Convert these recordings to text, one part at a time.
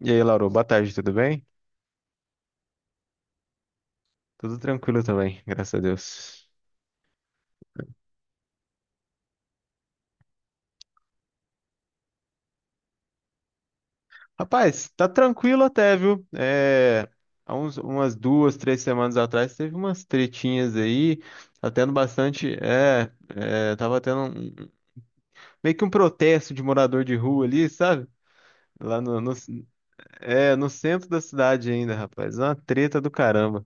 E aí, Lauro, boa tarde, tudo bem? Tudo tranquilo também, graças a Deus. Rapaz, tá tranquilo até, viu? Há umas 2, 3 semanas atrás teve umas tretinhas aí, tá tendo bastante. É, tava tendo um- meio que um protesto de morador de rua ali, sabe? Lá no centro da cidade ainda, rapaz. Uma treta do caramba.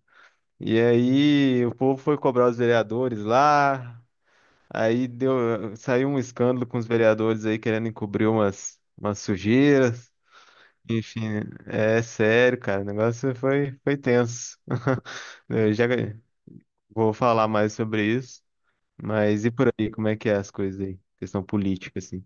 E aí, o povo foi cobrar os vereadores lá. Aí saiu um escândalo com os vereadores aí querendo encobrir umas sujeiras. Enfim, é sério, cara. O negócio foi tenso. Eu já vou falar mais sobre isso. Mas e por aí, como é que é as coisas aí? Questão política, assim.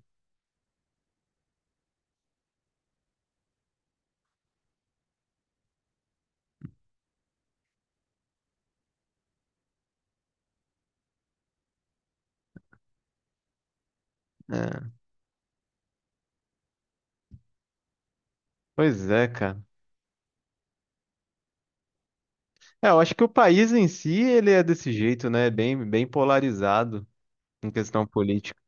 É, Pois é, cara. Eu acho que o país em si, ele é desse jeito, né? Bem, bem polarizado em questão política.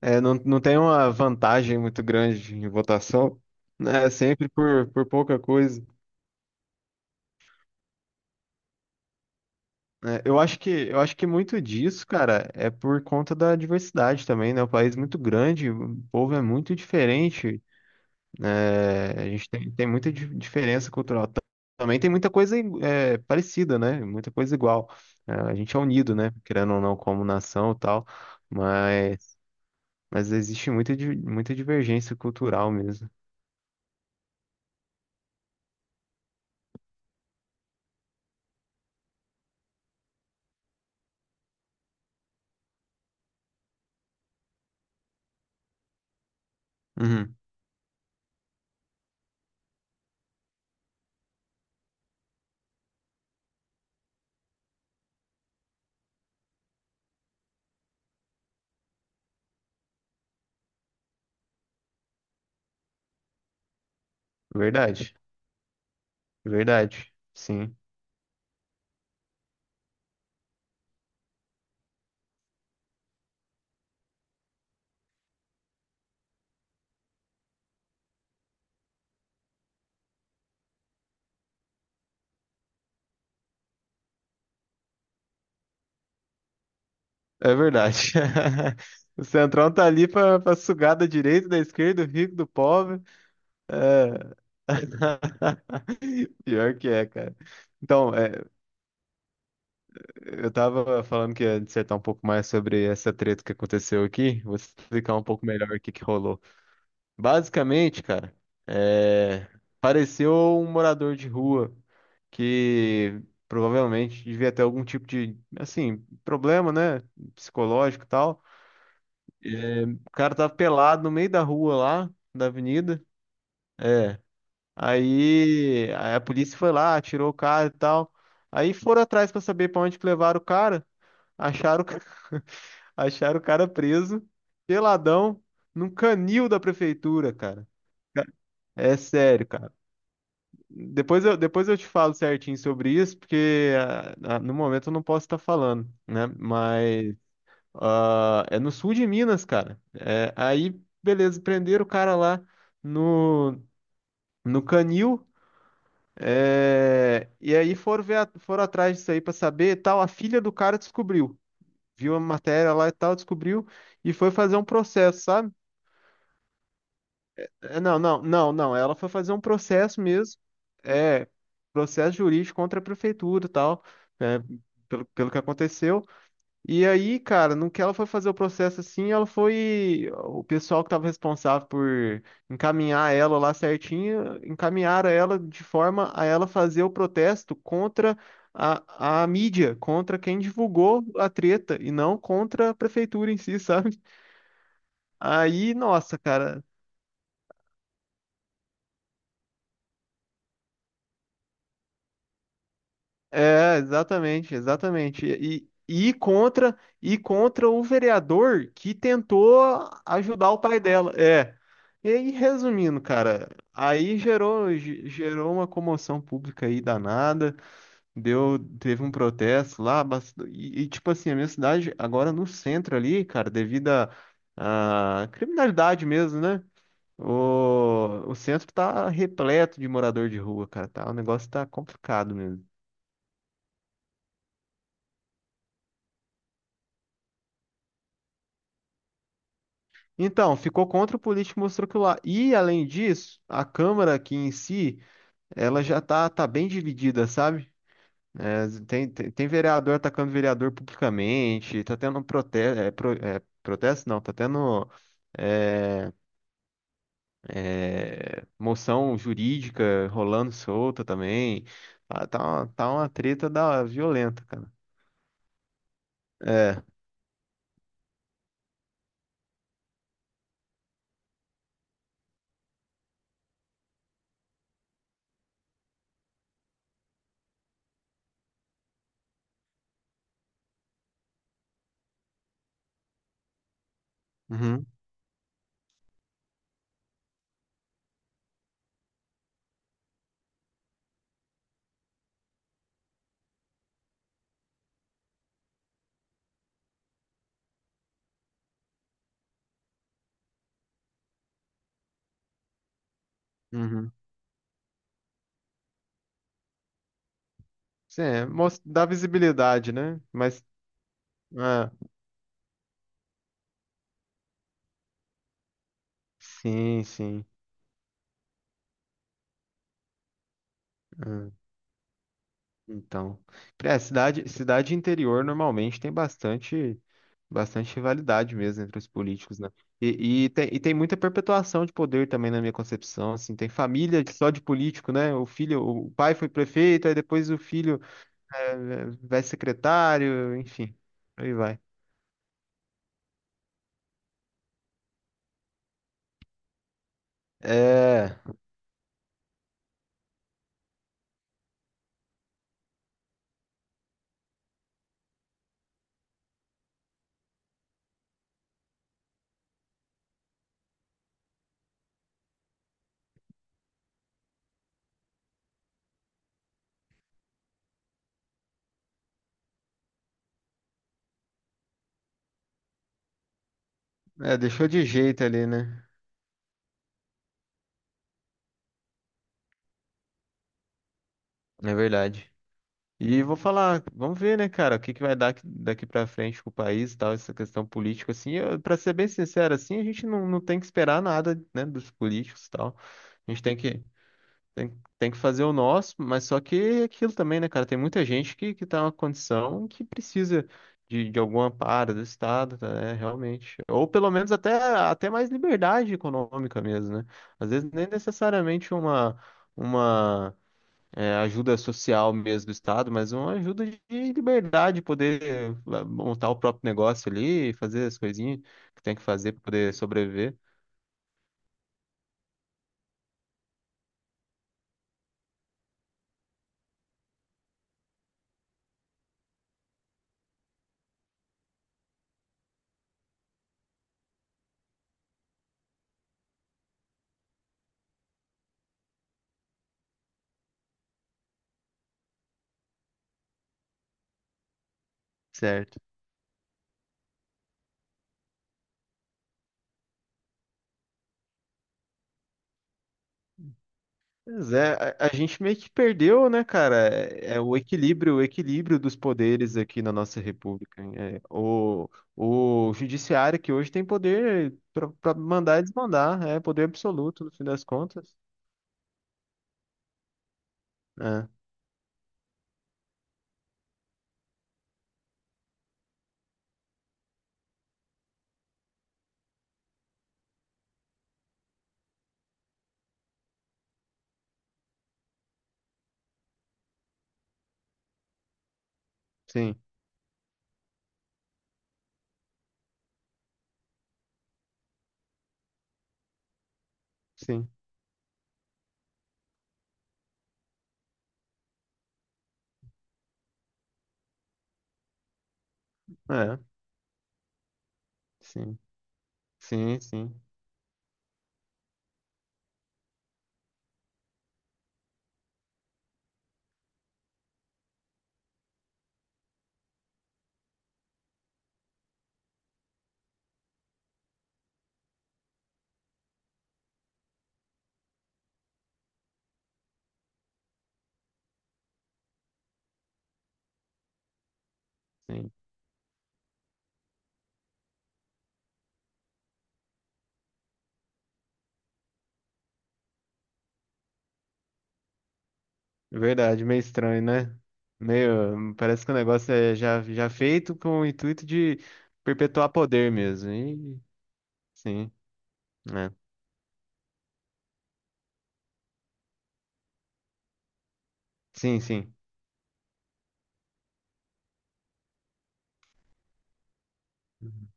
Não tem uma vantagem muito grande em votação, né? Sempre por pouca coisa. Eu acho que muito disso, cara, é por conta da diversidade também, né? O país é muito grande, o povo é muito diferente, a gente tem muita diferença cultural. Também tem muita coisa parecida, né? Muita coisa igual. A gente é unido, né? Querendo ou não, como nação e tal, mas, mas existe muita divergência cultural mesmo. Uhum, verdade, verdade, sim. É verdade. O Centrão tá ali pra sugar da direita, da esquerda, do rico, do pobre. É. Pior que é, cara. Então, eu tava falando que ia dissertar um pouco mais sobre essa treta que aconteceu aqui. Vou explicar um pouco melhor o que que rolou. Basicamente, cara, é, apareceu um morador de rua que provavelmente devia ter algum tipo de, assim, problema, né, psicológico e tal. O cara tava pelado no meio da rua lá, da avenida. É. Aí a polícia foi lá, tirou o cara e tal. Aí foram atrás pra saber pra onde que levaram o cara. Acharam, o ca- Acharam o cara preso, peladão, num canil da prefeitura, cara. É sério, cara. Depois eu te falo certinho sobre isso, porque no momento eu não posso estar falando, né? Mas é no sul de Minas, cara. Aí, beleza, prenderam o cara lá no, no canil. E aí foram atrás disso aí pra saber, e tal. A filha do cara descobriu, viu uma matéria lá e tal, descobriu e foi fazer um processo, sabe? Não, não, não, não. Ela foi fazer um processo mesmo, é processo jurídico contra a prefeitura, e tal, é, pelo que aconteceu. E aí, cara, no que ela foi fazer o processo assim, ela foi. O pessoal que estava responsável por encaminhar ela lá certinho, encaminharam ela de forma a ela fazer o protesto contra a mídia, contra quem divulgou a treta, e não contra a prefeitura em si, sabe? Aí, nossa, cara. É, exatamente, exatamente. E contra o vereador que tentou ajudar o pai dela. É. E aí, resumindo, cara, aí gerou gerou uma comoção pública aí danada, deu teve um protesto lá, tipo assim, a minha cidade agora no centro ali, cara, devido à criminalidade mesmo, né? O centro tá repleto de morador de rua, cara, tá? O negócio tá complicado mesmo. Então, ficou contra o político mostrou que lá. E, além disso, a Câmara aqui em si, ela já tá bem dividida, sabe? Tem vereador atacando vereador publicamente, tá tendo protesto, protesto não, tá tendo é, moção jurídica rolando solta também. Tá uma treta violenta, cara. É. Uhum, uhum. Sim, dá visibilidade, né? Mas, ah, sim, sim. É. Então, cidade interior normalmente tem bastante, bastante rivalidade mesmo entre os políticos, né? E tem muita perpetuação de poder também na minha concepção, assim, tem família só de político, né? O filho, o pai foi prefeito, aí depois o filho vai secretário, enfim, aí vai. É, deixou de jeito ali, né? É verdade. E vou falar, vamos ver, né, cara, o que que vai dar daqui pra frente com o país e tal, essa questão política, assim, eu, pra ser bem sincero, assim, a gente não tem que esperar nada, né, dos políticos e tal, a gente tem que, tem que fazer o nosso, mas só que é aquilo também, né, cara, tem muita gente que tá numa condição que precisa de algum amparo do Estado, tá, né, realmente, ou pelo menos até mais liberdade econômica mesmo, né, às vezes nem necessariamente uma ajuda social mesmo do Estado, mas uma ajuda de liberdade, poder lá, montar o próprio negócio ali, fazer as coisinhas que tem que fazer para poder sobreviver. Certo. Pois é, a gente meio que perdeu, né, cara? É o equilíbrio, dos poderes aqui na nossa república. Hein? O judiciário que hoje tem poder para mandar e desmandar, é poder absoluto no fim das contas. É, sim, sim, é, sim, sim, sim, sim. Verdade, meio estranho, né? Meio, parece que o negócio é já feito com o intuito de perpetuar poder mesmo. E, sim, né? Sim, sim. Uhum.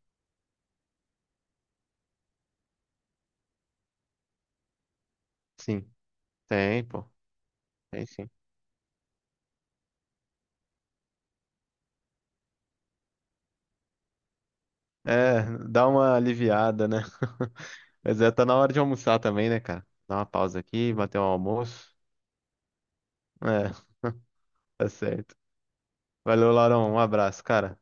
Sim, tem, pô. Tem sim. É, dá uma aliviada, né? Mas tá na hora de almoçar também, né, cara? Dá uma pausa aqui, bater um almoço. É, tá certo. Valeu, Laurão. Um abraço, cara.